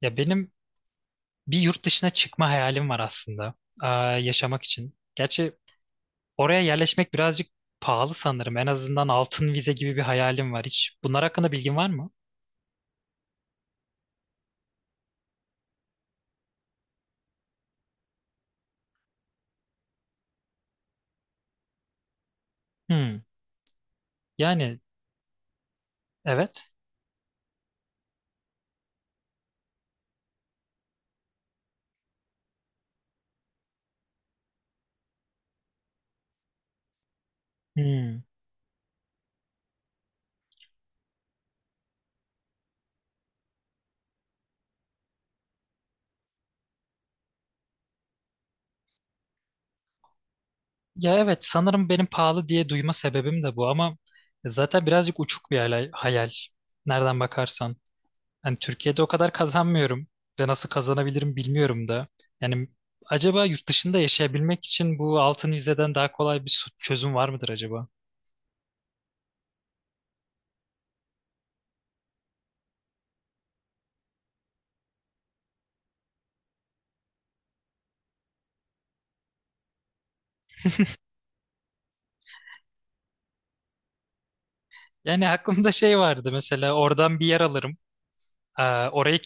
Ya benim bir yurt dışına çıkma hayalim var aslında. Yaşamak için. Gerçi oraya yerleşmek birazcık pahalı sanırım. En azından altın vize gibi bir hayalim var. Hiç bunlar hakkında bilgin var mı? Hmm. Yani evet. Hmm. Ya evet sanırım benim pahalı diye duyma sebebim de bu ama zaten birazcık uçuk bir hayal. Nereden bakarsan. Yani Türkiye'de o kadar kazanmıyorum ve nasıl kazanabilirim bilmiyorum da. Yani acaba yurt dışında yaşayabilmek için bu altın vizeden daha kolay bir çözüm var mıdır acaba? Yani aklımda şey vardı, mesela oradan bir yer alırım. Orayı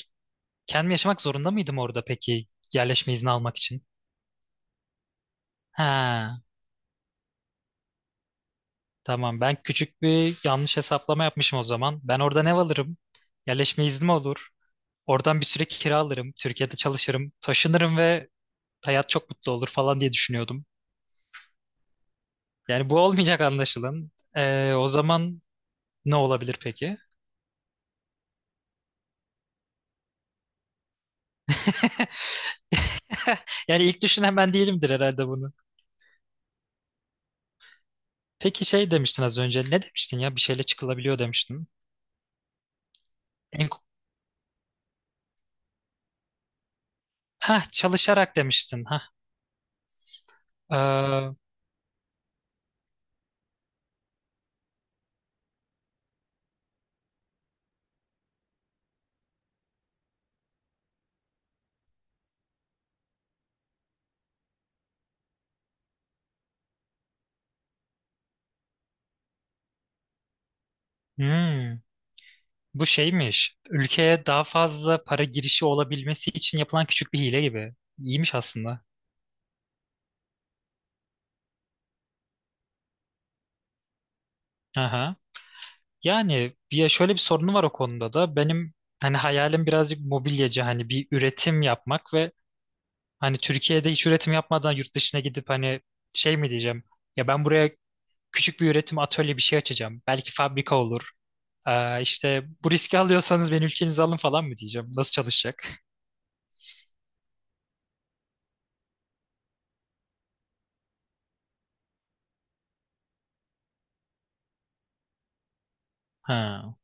kendim yaşamak zorunda mıydım orada peki, yerleşme izni almak için? Ha, tamam, ben küçük bir yanlış hesaplama yapmışım o zaman. Ben oradan ev alırım. Yerleşme iznim olur. Oradan bir süre kira alırım, Türkiye'de çalışırım. Taşınırım ve hayat çok mutlu olur falan diye düşünüyordum. Yani bu olmayacak anlaşılan. O zaman ne olabilir peki? Yani ilk düşünen ben değilimdir herhalde bunu. Peki şey demiştin az önce. Ne demiştin ya? Bir şeyle çıkılabiliyor demiştin. En ha, çalışarak demiştin. Ha. Ee, hmm, bu şeymiş. Ülkeye daha fazla para girişi olabilmesi için yapılan küçük bir hile gibi. İyiymiş aslında. Aha. Yani şöyle bir sorunu var o konuda da. Benim hani hayalim birazcık mobilyacı, hani bir üretim yapmak ve hani Türkiye'de hiç üretim yapmadan yurt dışına gidip hani şey mi diyeceğim? Ya ben buraya küçük bir üretim atölye bir şey açacağım. Belki fabrika olur. İşte bu riski alıyorsanız beni ülkenize alın falan mı diyeceğim? Nasıl çalışacak? Ha,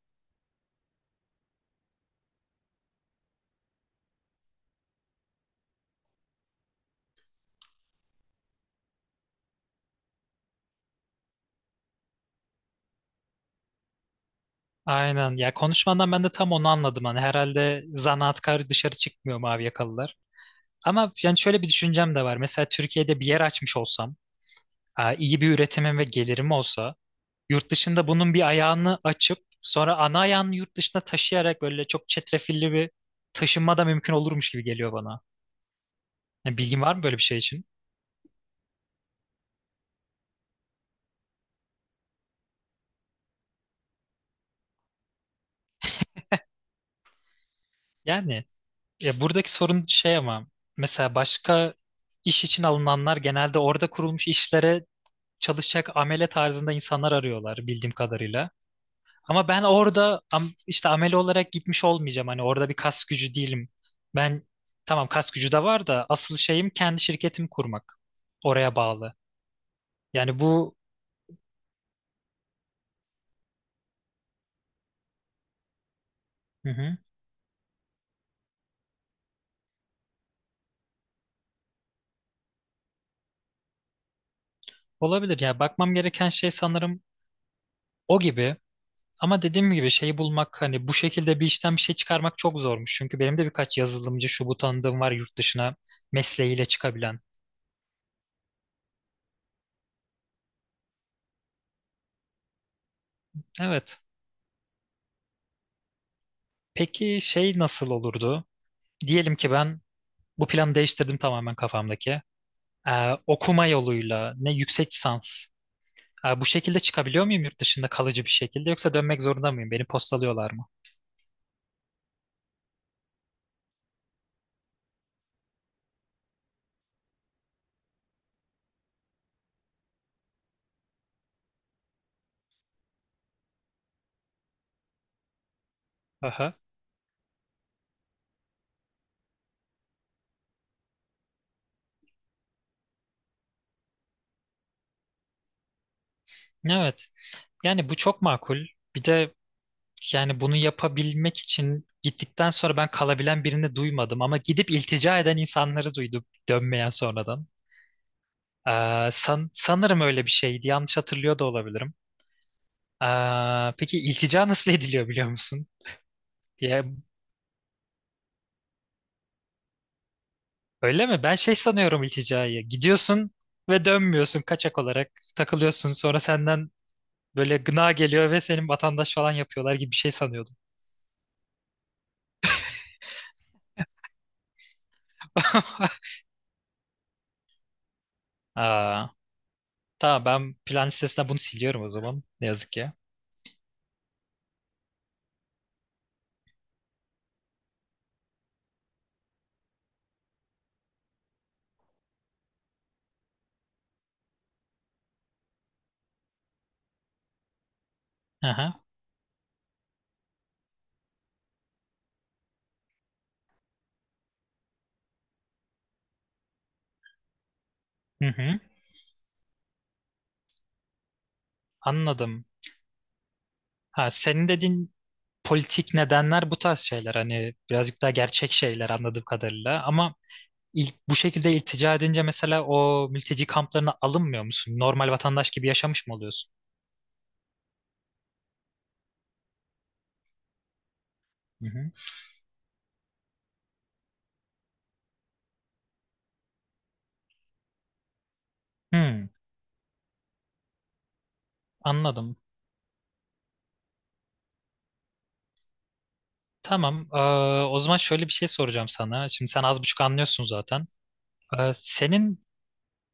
aynen. Ya konuşmandan ben de tam onu anladım. Hani herhalde zanaatkar dışarı çıkmıyor, mavi yakalılar. Ama yani şöyle bir düşüncem de var. Mesela Türkiye'de bir yer açmış olsam, iyi bir üretimim ve gelirim olsa, yurt dışında bunun bir ayağını açıp sonra ana ayağını yurt dışına taşıyarak böyle çok çetrefilli bir taşınma da mümkün olurmuş gibi geliyor bana. Yani bilgin var mı böyle bir şey için? Yani ya buradaki sorun şey ama mesela başka iş için alınanlar genelde orada kurulmuş işlere çalışacak amele tarzında insanlar arıyorlar bildiğim kadarıyla. Ama ben orada işte amele olarak gitmiş olmayacağım. Hani orada bir kas gücü değilim. Ben tamam, kas gücü de var da asıl şeyim kendi şirketimi kurmak. Oraya bağlı. Yani bu hı hı, olabilir. Ya bakmam gereken şey sanırım o gibi. Ama dediğim gibi şeyi bulmak, hani bu şekilde bir işten bir şey çıkarmak çok zormuş. Çünkü benim de birkaç yazılımcı şu bu tanıdığım var yurt dışına mesleğiyle çıkabilen. Evet. Peki şey nasıl olurdu? Diyelim ki ben bu planı değiştirdim tamamen kafamdaki. Okuma yoluyla ne yüksek lisans. Bu şekilde çıkabiliyor muyum yurt dışında kalıcı bir şekilde, yoksa dönmek zorunda mıyım? Beni postalıyorlar mı? Aha. Evet. Yani bu çok makul. Bir de yani bunu yapabilmek için gittikten sonra ben kalabilen birini duymadım, ama gidip iltica eden insanları duydum, dönmeyen sonradan. Sanırım öyle bir şeydi. Yanlış hatırlıyor da olabilirim. Peki iltica nasıl ediliyor biliyor musun? Ya, öyle mi? Ben şey sanıyorum ilticayı. Gidiyorsun ve dönmüyorsun kaçak olarak. Takılıyorsun, sonra senden böyle gına geliyor ve senin vatandaş falan yapıyorlar gibi bir şey sanıyordum. Aa, tamam, ben plan listesinden bunu siliyorum o zaman. Ne yazık ki. Aha, hı hı, anladım. Ha, senin dediğin politik nedenler, bu tarz şeyler. Hani birazcık daha gerçek şeyler anladığım kadarıyla. Ama ilk bu şekilde iltica edince mesela o mülteci kamplarına alınmıyor musun? Normal vatandaş gibi yaşamış mı oluyorsun? Hı hı. Hmm. Anladım. Tamam. O zaman şöyle bir şey soracağım sana. Şimdi sen az buçuk anlıyorsun zaten. Senin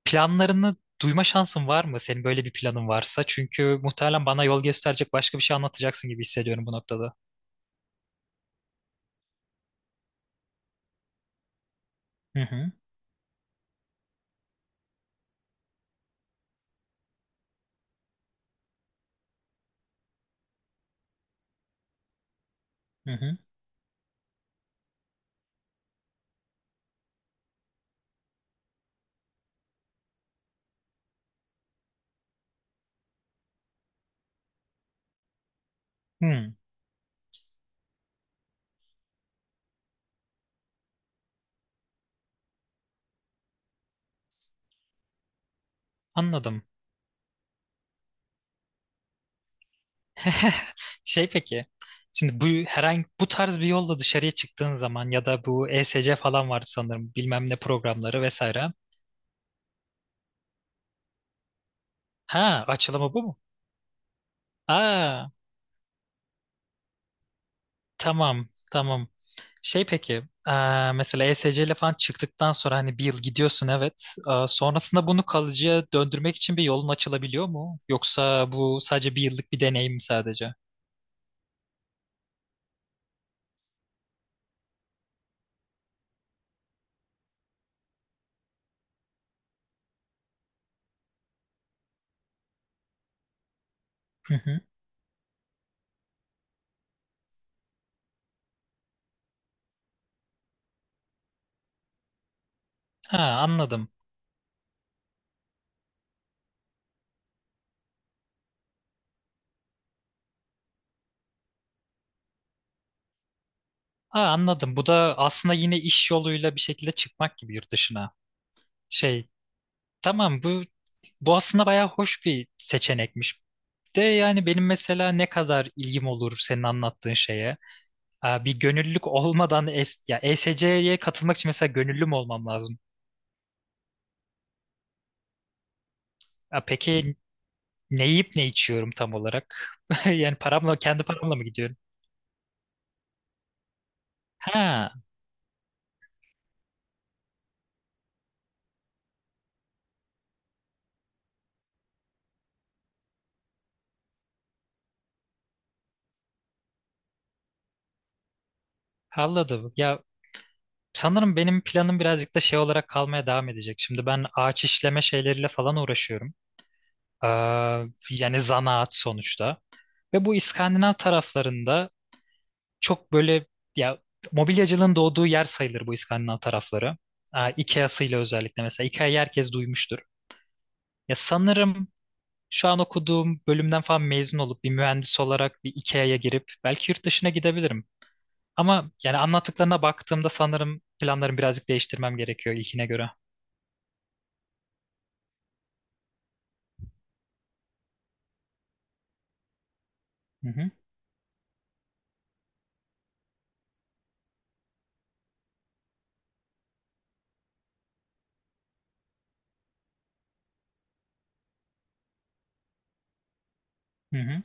planlarını duyma şansın var mı? Senin böyle bir planın varsa. Çünkü muhtemelen bana yol gösterecek başka bir şey anlatacaksın gibi hissediyorum bu noktada. Hı hı, hı hı. Hmm, anladım. Şey peki. Şimdi bu bu tarz bir yolla dışarıya çıktığın zaman ya da bu ESC falan vardı sanırım, bilmem ne programları vesaire. Ha, açılımı bu mu? Aa, tamam, tamam. Şey peki, mesela ESC ile falan çıktıktan sonra hani bir yıl gidiyorsun evet. Sonrasında bunu kalıcıya döndürmek için bir yolun açılabiliyor mu? Yoksa bu sadece bir yıllık bir deneyim mi sadece? Hı hı. Ha, anladım. Ha, anladım. Bu da aslında yine iş yoluyla bir şekilde çıkmak gibi yurt dışına. Şey, tamam, bu aslında bayağı hoş bir seçenekmiş. De yani benim mesela ne kadar ilgim olur senin anlattığın şeye. Aa, bir gönüllülük olmadan es ya ESC'ye katılmak için mesela gönüllü mü olmam lazım? Aa, peki ne yiyip ne içiyorum tam olarak? Yani kendi paramla mı gidiyorum? Ha, anladım. Ya sanırım benim planım birazcık da şey olarak kalmaya devam edecek. Şimdi ben ağaç işleme şeyleriyle falan uğraşıyorum. Aa, yani zanaat sonuçta. Ve bu İskandinav taraflarında çok böyle ya mobilyacılığın doğduğu yer sayılır bu İskandinav tarafları. Aa, IKEA'sıyla özellikle, mesela IKEA'yı herkes duymuştur. Ya sanırım şu an okuduğum bölümden falan mezun olup bir mühendis olarak bir IKEA'ya girip belki yurt dışına gidebilirim. Ama yani anlattıklarına baktığımda sanırım planlarımı birazcık değiştirmem gerekiyor ilkine göre. Hı hı, hı hı.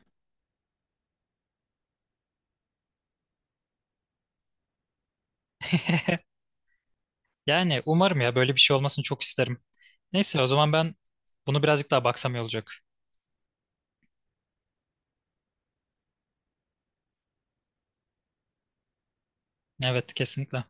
Yani umarım, ya böyle bir şey olmasını çok isterim. Neyse o zaman ben bunu birazcık daha baksam iyi olacak. Evet, kesinlikle.